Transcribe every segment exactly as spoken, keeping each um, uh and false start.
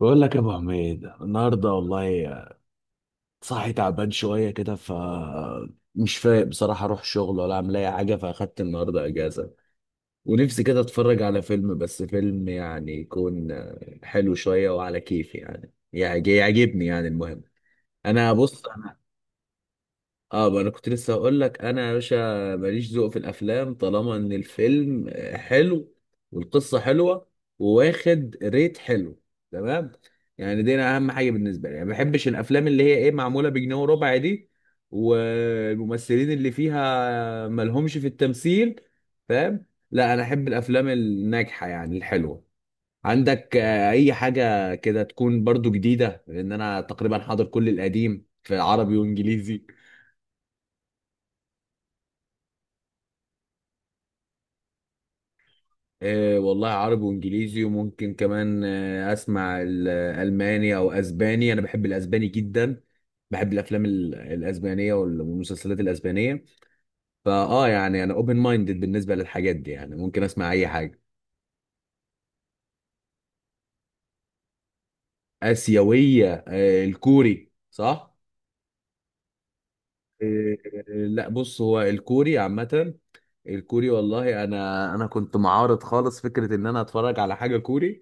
بقول لك يا ابو حميد النهارده، والله صاحي تعبان شويه كده، ف مش فايق بصراحه، اروح شغل ولا اعمل اي حاجه، فاخدت النهارده اجازه. ونفسي كده اتفرج على فيلم، بس فيلم يعني يكون حلو شويه وعلى كيفي، يعني يعج- يعجبني، يعني المهم انا بص. اه، بقى انا كنت لسه هقول لك انا يا باشا، ماليش ذوق في الافلام طالما ان الفيلم آه، حلو، والقصه حلوه، وواخد ريت حلو، تمام. يعني دي انا اهم حاجه بالنسبه لي، يعني ما بحبش الافلام اللي هي ايه معموله بجنيه وربع دي، والممثلين اللي فيها ملهمش في التمثيل، فاهم؟ لا، انا احب الافلام الناجحه، يعني الحلوه. عندك آه، اي حاجه كده تكون برضو جديده، لان انا تقريبا حاضر كل القديم في عربي وانجليزي. إيه والله، عربي وانجليزي، وممكن كمان آه، اسمع الالماني او اسباني، انا بحب الاسباني جدا. بحب الافلام ال- الاسبانيه وال- والمسلسلات الاسبانيه. فاه يعني انا اوبن مايندد بالنسبه للحاجات دي، يعني ممكن اسمع اي حاجه. اسيويه؟ آه، الكوري، صح. إيه. لا بص، هو الكوري عامه، الكوري والله، انا انا كنت معارض خالص فكره ان انا اتفرج على حاجه كوري،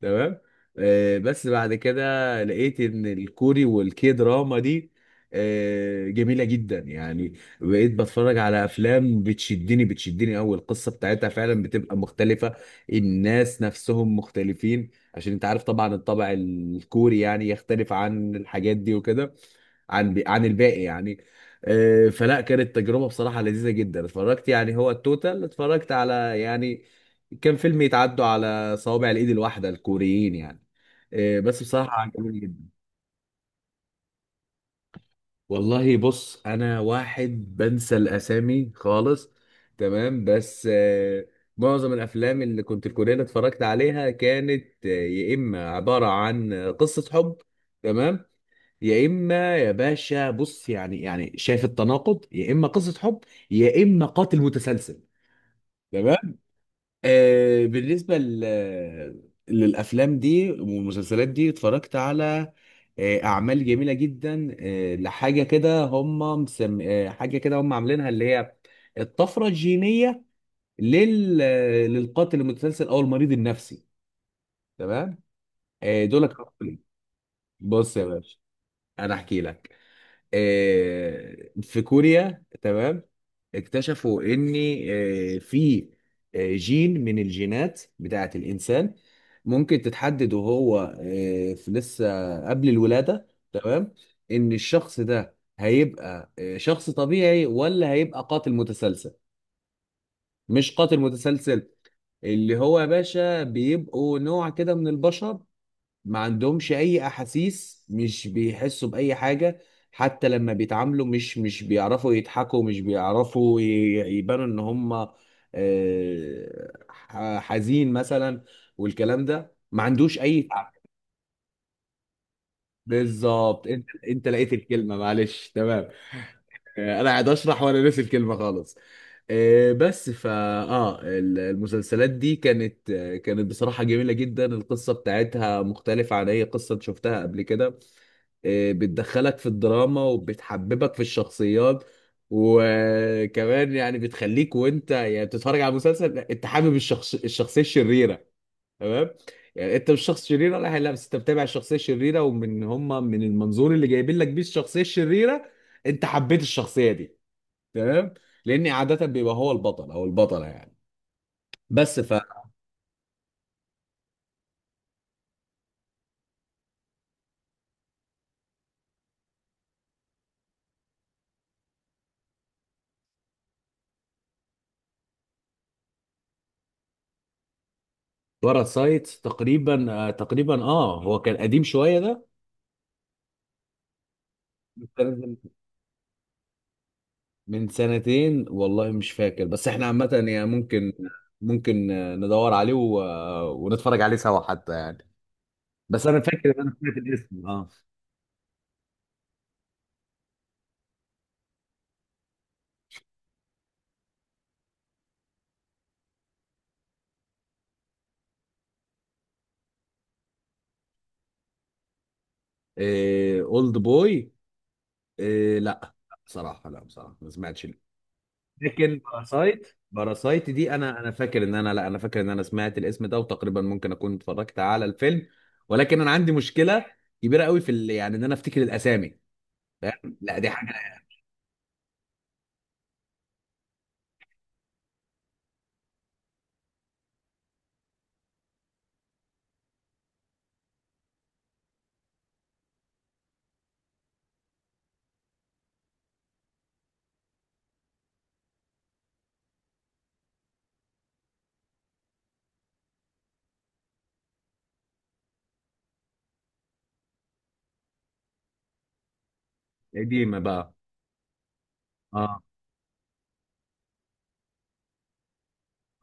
تمام. آه، بس بعد كده لقيت ان الكوري والكي دراما دي آه، جميله جدا يعني. بقيت بتفرج على افلام بتشدني، بتشدني قوي، القصه بتاعتها فعلا بتبقى مختلفه، الناس نفسهم مختلفين، عشان انت عارف طبعا الطبع الكوري يعني يختلف عن الحاجات دي وكده، عن عن الباقي يعني. آه، فلا كانت تجربة بصراحة لذيذة جدا، اتفرجت يعني هو التوتال اتفرجت على، يعني كان فيلم يتعدوا على صوابع الايد الواحدة الكوريين يعني. آه، بس بصراحة عجبني جدا. والله بص، انا واحد بنسى الاسامي خالص، تمام، بس آه، معظم الافلام اللي كنت الكورية اللي اتفرجت عليها كانت آه، يا اما عبارة عن قصة حب، تمام. يا اما يا باشا، بص يعني يعني شايف التناقض؟ يا اما قصه حب، يا اما قاتل متسلسل، تمام. آه بالنسبه ل- للافلام دي والمسلسلات دي، اتفرجت على آه اعمال جميله جدا، آه لحاجه كده هم مسم... آه حاجه كده هم عاملينها، اللي هي الطفره الجينيه لل... آه، للقاتل المتسلسل او المريض النفسي، تمام. آه دول. بص يا باشا، انا احكي لك. آه، في كوريا، تمام، اكتشفوا ان آه، في آه، جين من الجينات بتاعة الانسان ممكن تتحدد وهو آه، في لسه قبل الولادة، تمام، ان الشخص ده هيبقى آه، شخص طبيعي ولا هيبقى قاتل متسلسل، مش قاتل متسلسل اللي هو يا باشا، بيبقوا نوع كده من البشر، ما عندهمش اي احاسيس، مش بيحسوا باي حاجه، حتى لما بيتعاملوا مش مش بيعرفوا يضحكوا، مش بيعرفوا ي- يبانوا ان هم آه، ح- حزين مثلا، والكلام ده ما عندوش اي تعب. بالظبط، انت انت لقيت الكلمه، معلش، تمام. آه، انا قاعد اشرح وانا ناسي الكلمه خالص. آه، بس. فا اه ال- المسلسلات دي كانت آه، كانت بصراحه جميله جدا، القصه بتاعتها مختلفه عن اي قصه شفتها قبل كده، آه، بتدخلك في الدراما وبتحببك في الشخصيات، وكمان يعني بتخليك وانت يعني بتتفرج على المسلسل انت حابب الشخص الشخصية الشريرة، تمام. يعني انت مش شخص شرير ولا حاجه، لا، بس انت بتابع الشخصية الشريرة ومن هم من المنظور اللي جايبين لك بيه الشخصية الشريرة، انت حبيت الشخصية دي، تمام، لان عادة بيبقى هو البطل او البطلة، يعني بس ف باراسايت تقريبا، آه، تقريبا اه هو كان قديم شوية. ده من سنتين والله، مش فاكر، بس احنا عامة يعني ممكن ممكن ندور عليه و... ونتفرج عليه سوا حتى يعني. بس انا فاكر ان انا سمعت الاسم، اه. إيه، اولد بوي. إيه، لا، بصراحة لا، بصراحة ما سمعتش. لكن باراسايت، باراسايت دي انا انا فاكر ان انا لا انا فاكر ان انا سمعت الاسم ده، وتقريبا ممكن اكون اتفرجت على الفيلم، ولكن انا عندي مشكلة كبيرة قوي في ال... يعني ان انا افتكر الاسامي، فاهم؟ لا، دي حاجة قديمة بقى. اه،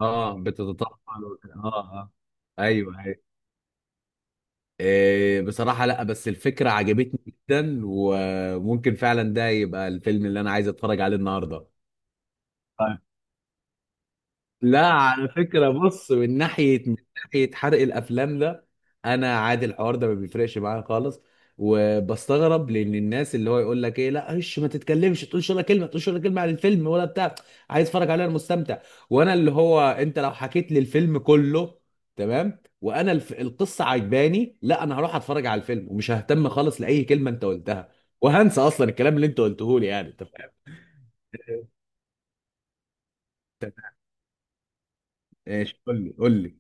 اه، بتتطفل وت- اه. اه، ايوه، ايوه. إيه بصراحة لا، بس الفكرة عجبتني جدا، وممكن فعلا ده يبقى الفيلم اللي انا عايز اتفرج عليه النهارده. لا، على فكرة بص، من ناحية من ناحية حرق الأفلام ده، أنا عادي، الحوار ده ما بيفرقش معايا خالص، وبستغرب، لأن الناس اللي هو يقول لك إيه، لا إيش، ما تتكلمش، تقولش ولا كلمة، تقولش ولا كلمة عن الفيلم ولا بتاع. عايز أتفرج عليه، أنا مستمتع. وأنا اللي هو، أنت لو حكيت لي الفيلم كله، تمام، وأنا الف... القصة عجباني، لا، أنا هروح أتفرج على الفيلم ومش ههتم خالص لأي كلمة أنت قلتها، وهنسى أصلا الكلام اللي أنت قلته لي، يعني أنت فاهم؟ إيش، قول لي، قول لي.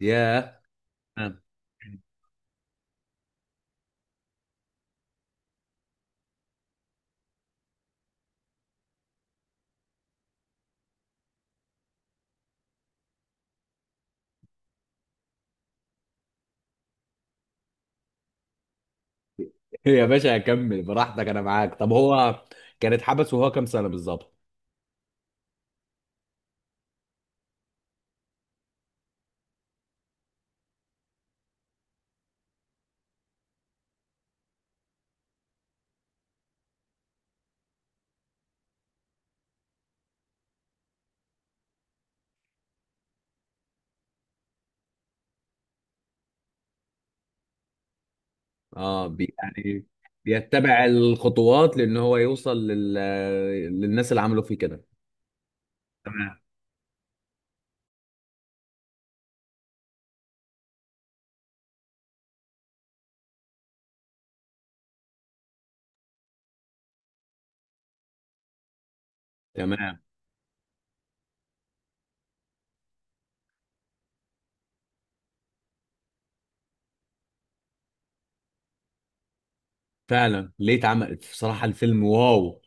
ياه. يا باشا هكمل براحتك، انا معاك. طب هو كان اتحبس وهو كام سنة بالظبط؟ اه، بي يعني بيتبع الخطوات لان هو يوصل لل... للناس اللي عملوا فيه كده. تمام، تمام. فعلا، ليه اتعمل؟ بصراحة الفيلم واو،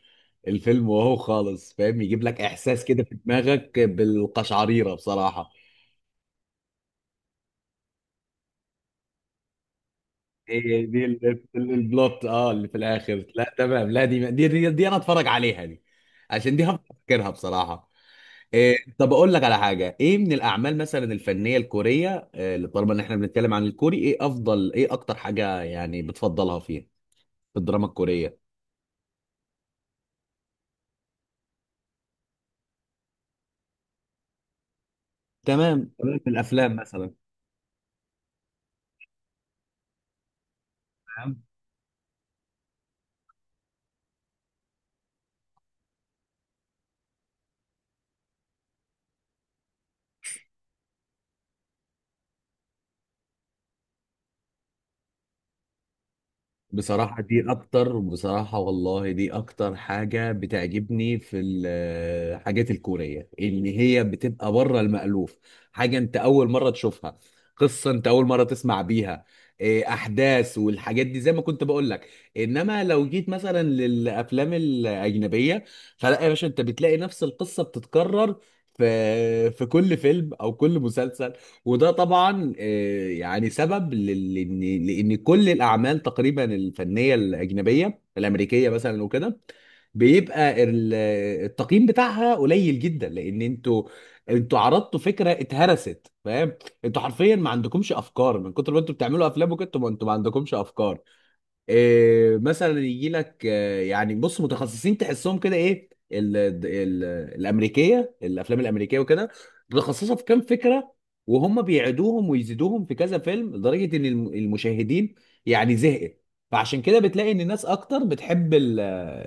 الفيلم واو خالص، فاهم؟ يجيب لك احساس كده في دماغك بالقشعريرة بصراحة. إيه دي ال- ال- البلوت، اه اللي في الاخر، لا تمام، لا دي دي دي, دي انا اتفرج عليها دي، عشان دي هفكرها بصراحة. إيه، طب اقول لك على حاجه، ايه من الاعمال مثلا الفنيه الكوريه، آه، اللي طالما ان احنا بنتكلم عن الكوري، ايه افضل ايه اكتر حاجه يعني بتفضلها فيها في الدراما الكوريه؟ تمام، تمام. في الافلام مثلا. بصراحة دي أكتر بصراحة والله دي أكتر حاجة بتعجبني في الحاجات الكورية اللي هي بتبقى بره المألوف، حاجة أنت أول مرة تشوفها، قصة أنت أول مرة تسمع بيها، إيه، أحداث والحاجات دي زي ما كنت بقول لك. إنما لو جيت مثلا للأفلام الأجنبية، فلا يا باشا، أنت بتلاقي نفس القصة بتتكرر في في كل فيلم أو كل مسلسل، وده طبعا آه، يعني سبب لل- لان لان كل الاعمال تقريبا الفنيه الاجنبيه الامريكيه مثلا وكده، بيبقى ال- التقييم بتاعها قليل جدا، لان انتوا انتوا عرضتوا فكره اتهرست، فاهم، انتوا حرفيا ما عندكمش افكار من كتر ما انتوا بتعملوا افلام وكده، انتوا ما انتوا ما عندكمش افكار. إيه مثلا يجي لك آه، يعني بص، متخصصين تحسهم كده ايه ال ال الامريكيه الافلام الامريكيه وكده، متخصصه في كام فكره، وهم بيعيدوهم ويزيدوهم في كذا فيلم، لدرجه ان الم- المشاهدين يعني زهقت، فعشان كده بتلاقي ان الناس اكتر بتحب ال-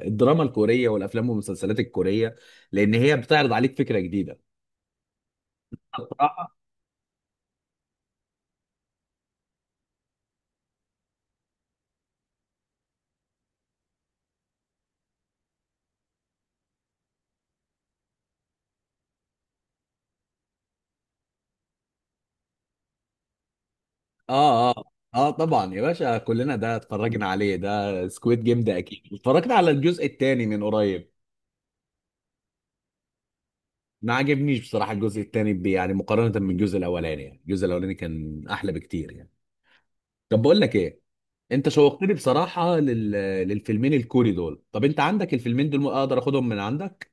الدراما الكوريه والافلام والمسلسلات الكوريه، لان هي بتعرض عليك فكره جديده بصراحه. اه، اه، اه، طبعا يا باشا، كلنا ده اتفرجنا عليه، ده سكويد جيم ده، اكيد اتفرجت على الجزء الثاني من قريب. ما عجبنيش بصراحة الجزء الثاني ب- يعني مقارنة بالجزء الأولاني، يعني الجزء الأولاني كان أحلى بكتير، يعني. طب بقول لك إيه، أنت شوقتني بصراحة لل... للفيلمين الكوري دول، طب أنت عندك الفيلمين دول؟ أقدر أخدهم من عندك؟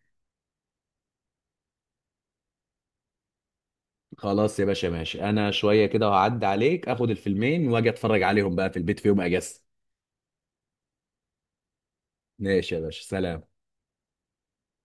خلاص يا باشا، ماشي، أنا شوية كده هعدي عليك أخد الفيلمين وأجي أتفرج عليهم بقى في البيت في يوم أجازة. ماشي يا باشا، سلام.